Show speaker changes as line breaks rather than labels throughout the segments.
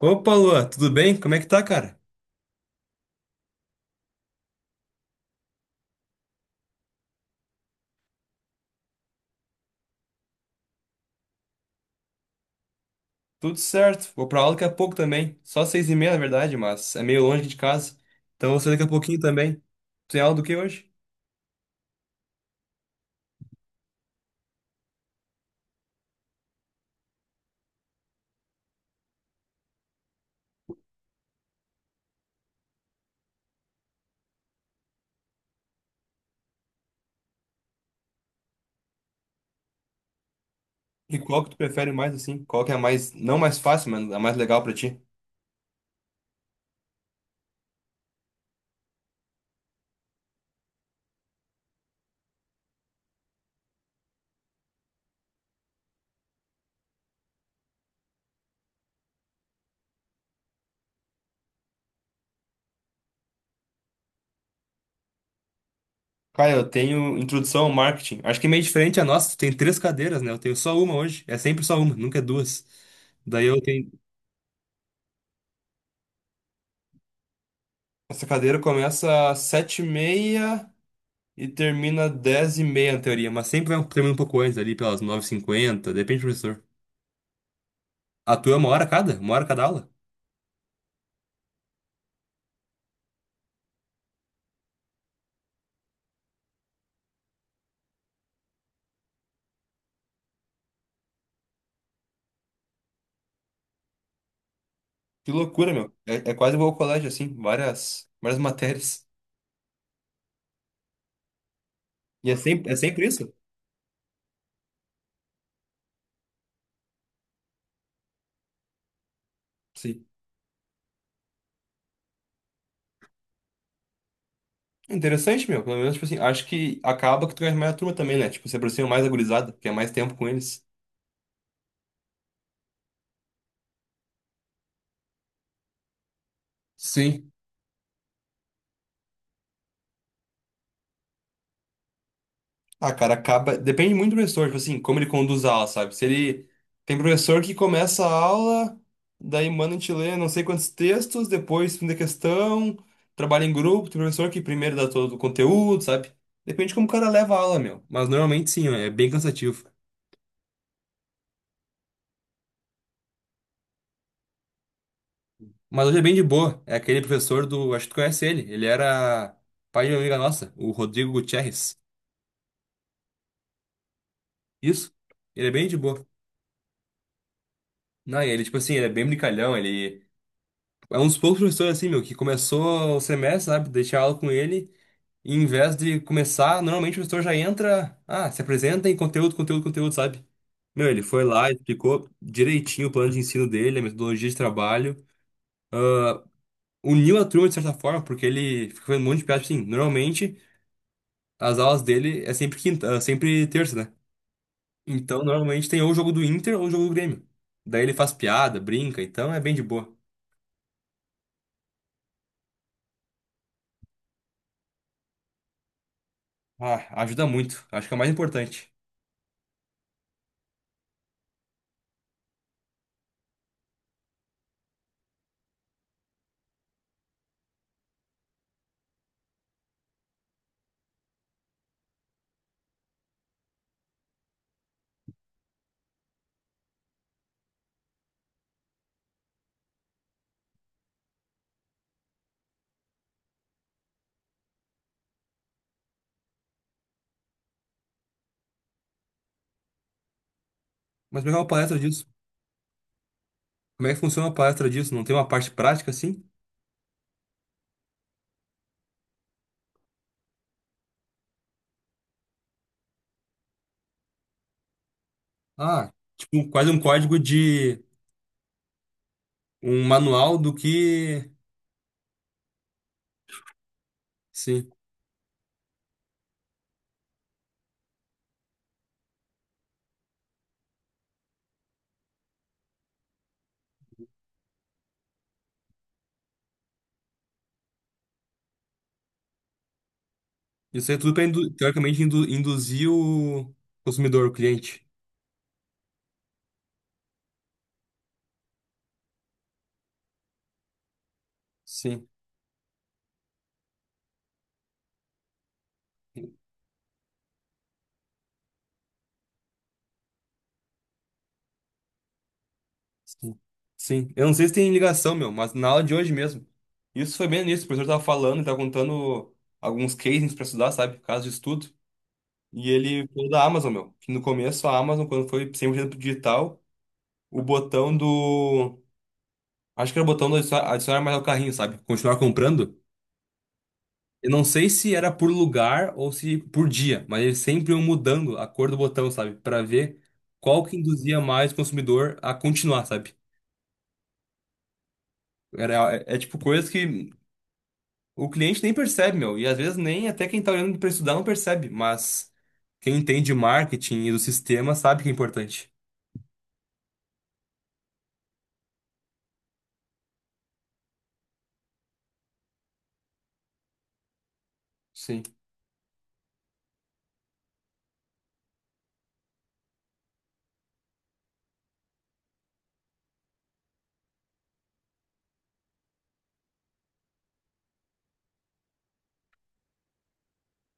Opa, Lua, tudo bem? Como é que tá, cara? Tudo certo. Vou pra aula daqui a pouco também. Só 6h30, na verdade, mas é meio longe aqui de casa. Então vou sair daqui a pouquinho também. Tu tem aula do que hoje? E qual que tu prefere mais, assim? Qual que é a mais, não mais fácil, mas a mais legal pra ti? Cara, eu tenho introdução ao marketing. Acho que é meio diferente a nossa. Tu tem três cadeiras, né? Eu tenho só uma hoje. É sempre só uma, nunca é duas. Daí eu tenho... Essa cadeira começa às 7h30... E termina 10h30 na teoria, mas sempre termina um pouco antes, ali pelas nove h 50 depende do professor. A tua é uma hora cada? Uma hora cada aula? Que loucura, meu. É quase igual ao colégio, assim, várias, várias matérias. E é sempre isso? Sim. É interessante, meu. Pelo menos, tipo assim, acho que acaba que tu ganha mais a turma também, né? Tipo, você aproxima mais a gurizada, que é mais tempo com eles. Sim. Ah, cara, acaba. Depende muito do professor, tipo assim, como ele conduz a aula, sabe? Se ele. Tem professor que começa a aula, daí manda a gente ler não sei quantos textos, depois fim da questão, trabalha em grupo, tem professor que primeiro dá todo o conteúdo, sabe? Depende de como o cara leva a aula, meu. Mas normalmente sim, é bem cansativo. Mas hoje é bem de boa. É aquele professor do. Acho que tu conhece ele. Ele era pai de uma amiga nossa, o Rodrigo Gutierrez. Isso? Ele é bem de boa. Não, e ele, tipo assim, ele é bem brincalhão, ele. É um dos poucos professores assim, meu, que começou o semestre, sabe? Deixei aula com ele. E em vez de começar, normalmente o professor já entra, se apresenta em conteúdo, conteúdo, conteúdo, sabe? Meu, ele foi lá, explicou direitinho o plano de ensino dele, a metodologia de trabalho. Uniu a turma de certa forma, porque ele ficou fazendo um monte de piada, tipo assim. Normalmente, as aulas dele é sempre quinta, é sempre terça, né? Então, normalmente tem ou o jogo do Inter ou o jogo do Grêmio. Daí ele faz piada, brinca, então é bem de boa. Ah, ajuda muito. Acho que é o mais importante. Mas pegar uma palestra disso. Como é que funciona a palestra disso? Não tem uma parte prática assim? Ah, tipo, quase um código de um manual do que. Sim. Isso aí é tudo para, teoricamente, induzir o consumidor, o cliente. Sim. Sim. Sim. Eu não sei se tem ligação, meu, mas na aula de hoje mesmo. Isso foi bem nisso. O professor tava falando, e tava contando alguns cases para estudar, sabe? Casos de estudo. E ele falou da Amazon, meu. Que no começo a Amazon, quando foi 100% digital, o botão do. Acho que era o botão do adicionar mais ao carrinho, sabe? Continuar comprando. Eu não sei se era por lugar ou se por dia, mas eles sempre iam mudando a cor do botão, sabe? Pra ver qual que induzia mais o consumidor a continuar, sabe? Era, é tipo coisa que o cliente nem percebe, meu. E às vezes nem até quem tá olhando pra estudar não percebe, mas quem entende marketing e do sistema sabe que é importante. Sim.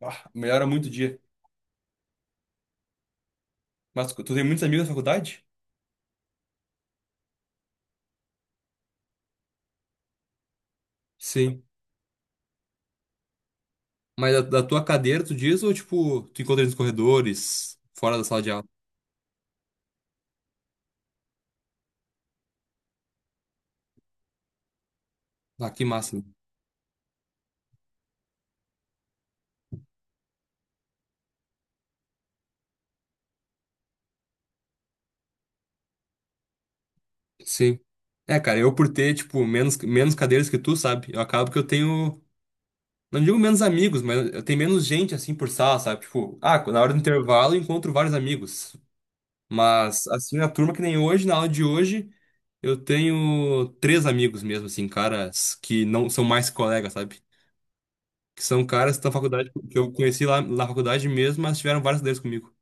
Ah, melhora muito o dia. Mas tu tem muitos amigos na faculdade? Sim. Mas da tua cadeira, tu diz, ou tipo, tu encontra eles nos corredores, fora da sala de aula? Ah, que massa. Sim. É, cara, eu por ter, tipo, menos cadeiras que tu, sabe? Eu acabo que eu tenho. Não digo menos amigos, mas eu tenho menos gente, assim, por sala, sabe? Tipo, ah, na hora do intervalo eu encontro vários amigos. Mas, assim, na turma que nem hoje, na aula de hoje, eu tenho três amigos mesmo, assim, caras que não são mais colegas, sabe? Que são caras da faculdade, que eu conheci lá na faculdade mesmo, mas tiveram várias cadeiras comigo.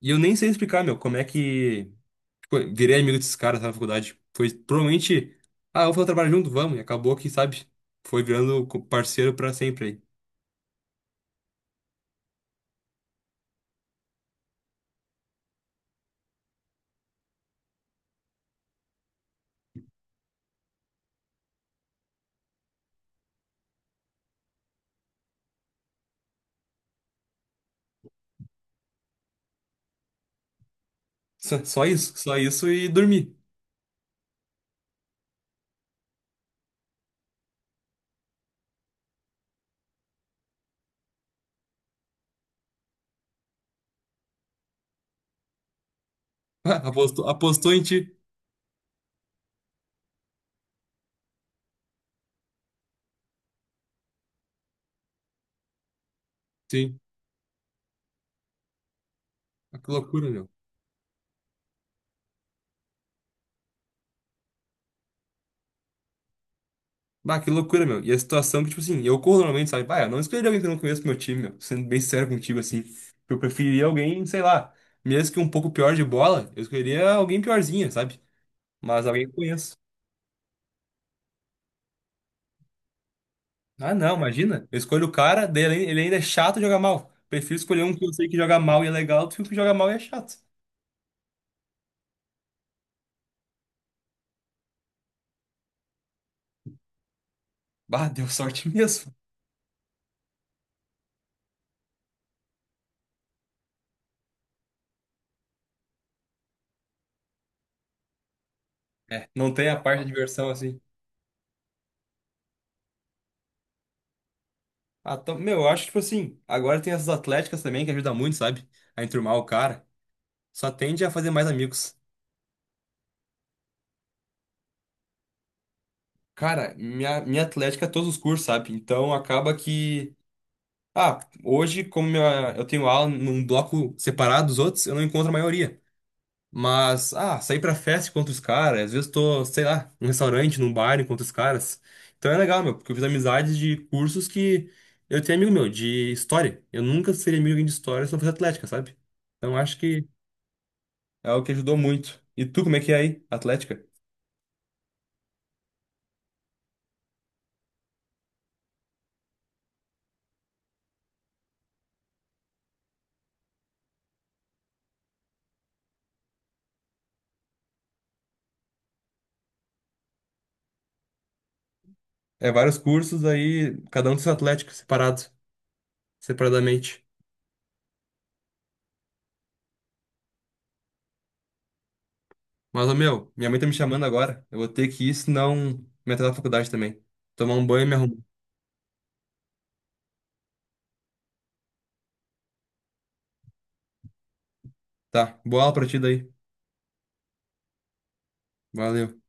E eu nem sei explicar, meu, como é que tipo, eu virei amigo desses caras na faculdade. Foi provavelmente, ah, vamos fazer um trabalho junto, vamos. E acabou que, sabe, foi virando parceiro pra sempre aí. Só isso, só isso e dormir. Ah, apostou, apostou em ti. Sim. Ah, que loucura, meu. Bah, que loucura, meu. E a situação que, tipo assim, eu corro normalmente, sabe? Bah, eu não escolheria alguém que eu não conheço pro meu time, meu. Sendo bem sério contigo, assim. Eu preferiria alguém, sei lá, mesmo que um pouco pior de bola, eu escolheria alguém piorzinha, sabe? Mas alguém que eu conheço. Ah, não, imagina. Eu escolho o cara, daí ele ainda é chato de jogar mal. Prefiro escolher um que eu sei que joga mal e é legal do que um que joga mal e é chato. Bah, deu sorte mesmo. É, não tem a parte da diversão assim. Ah, então, meu, eu acho, tipo assim, agora tem essas atléticas também que ajudam muito, sabe? A enturmar o cara. Só tende a fazer mais amigos. Cara, minha atlética é todos os cursos, sabe? Então acaba que. Ah, hoje, como eu tenho aula num bloco separado dos outros, eu não encontro a maioria. Mas, ah, sair pra festa enquanto os caras, às vezes tô, sei lá, num restaurante, num bar enquanto os caras. Então é legal, meu, porque eu fiz amizades de cursos que eu tenho amigo meu, de história. Eu nunca seria amigo de alguém de história se não fosse atlética, sabe? Então acho que é algo que ajudou muito. E tu, como é que é aí, atlética? É vários cursos aí, cada um com seu atlético, separado, separadamente. Mas, ô, meu, minha mãe tá me chamando agora. Eu vou ter que ir, senão me atrasar na faculdade também. Tomar um banho e me arrumar. Tá, boa aula pra ti daí. Valeu.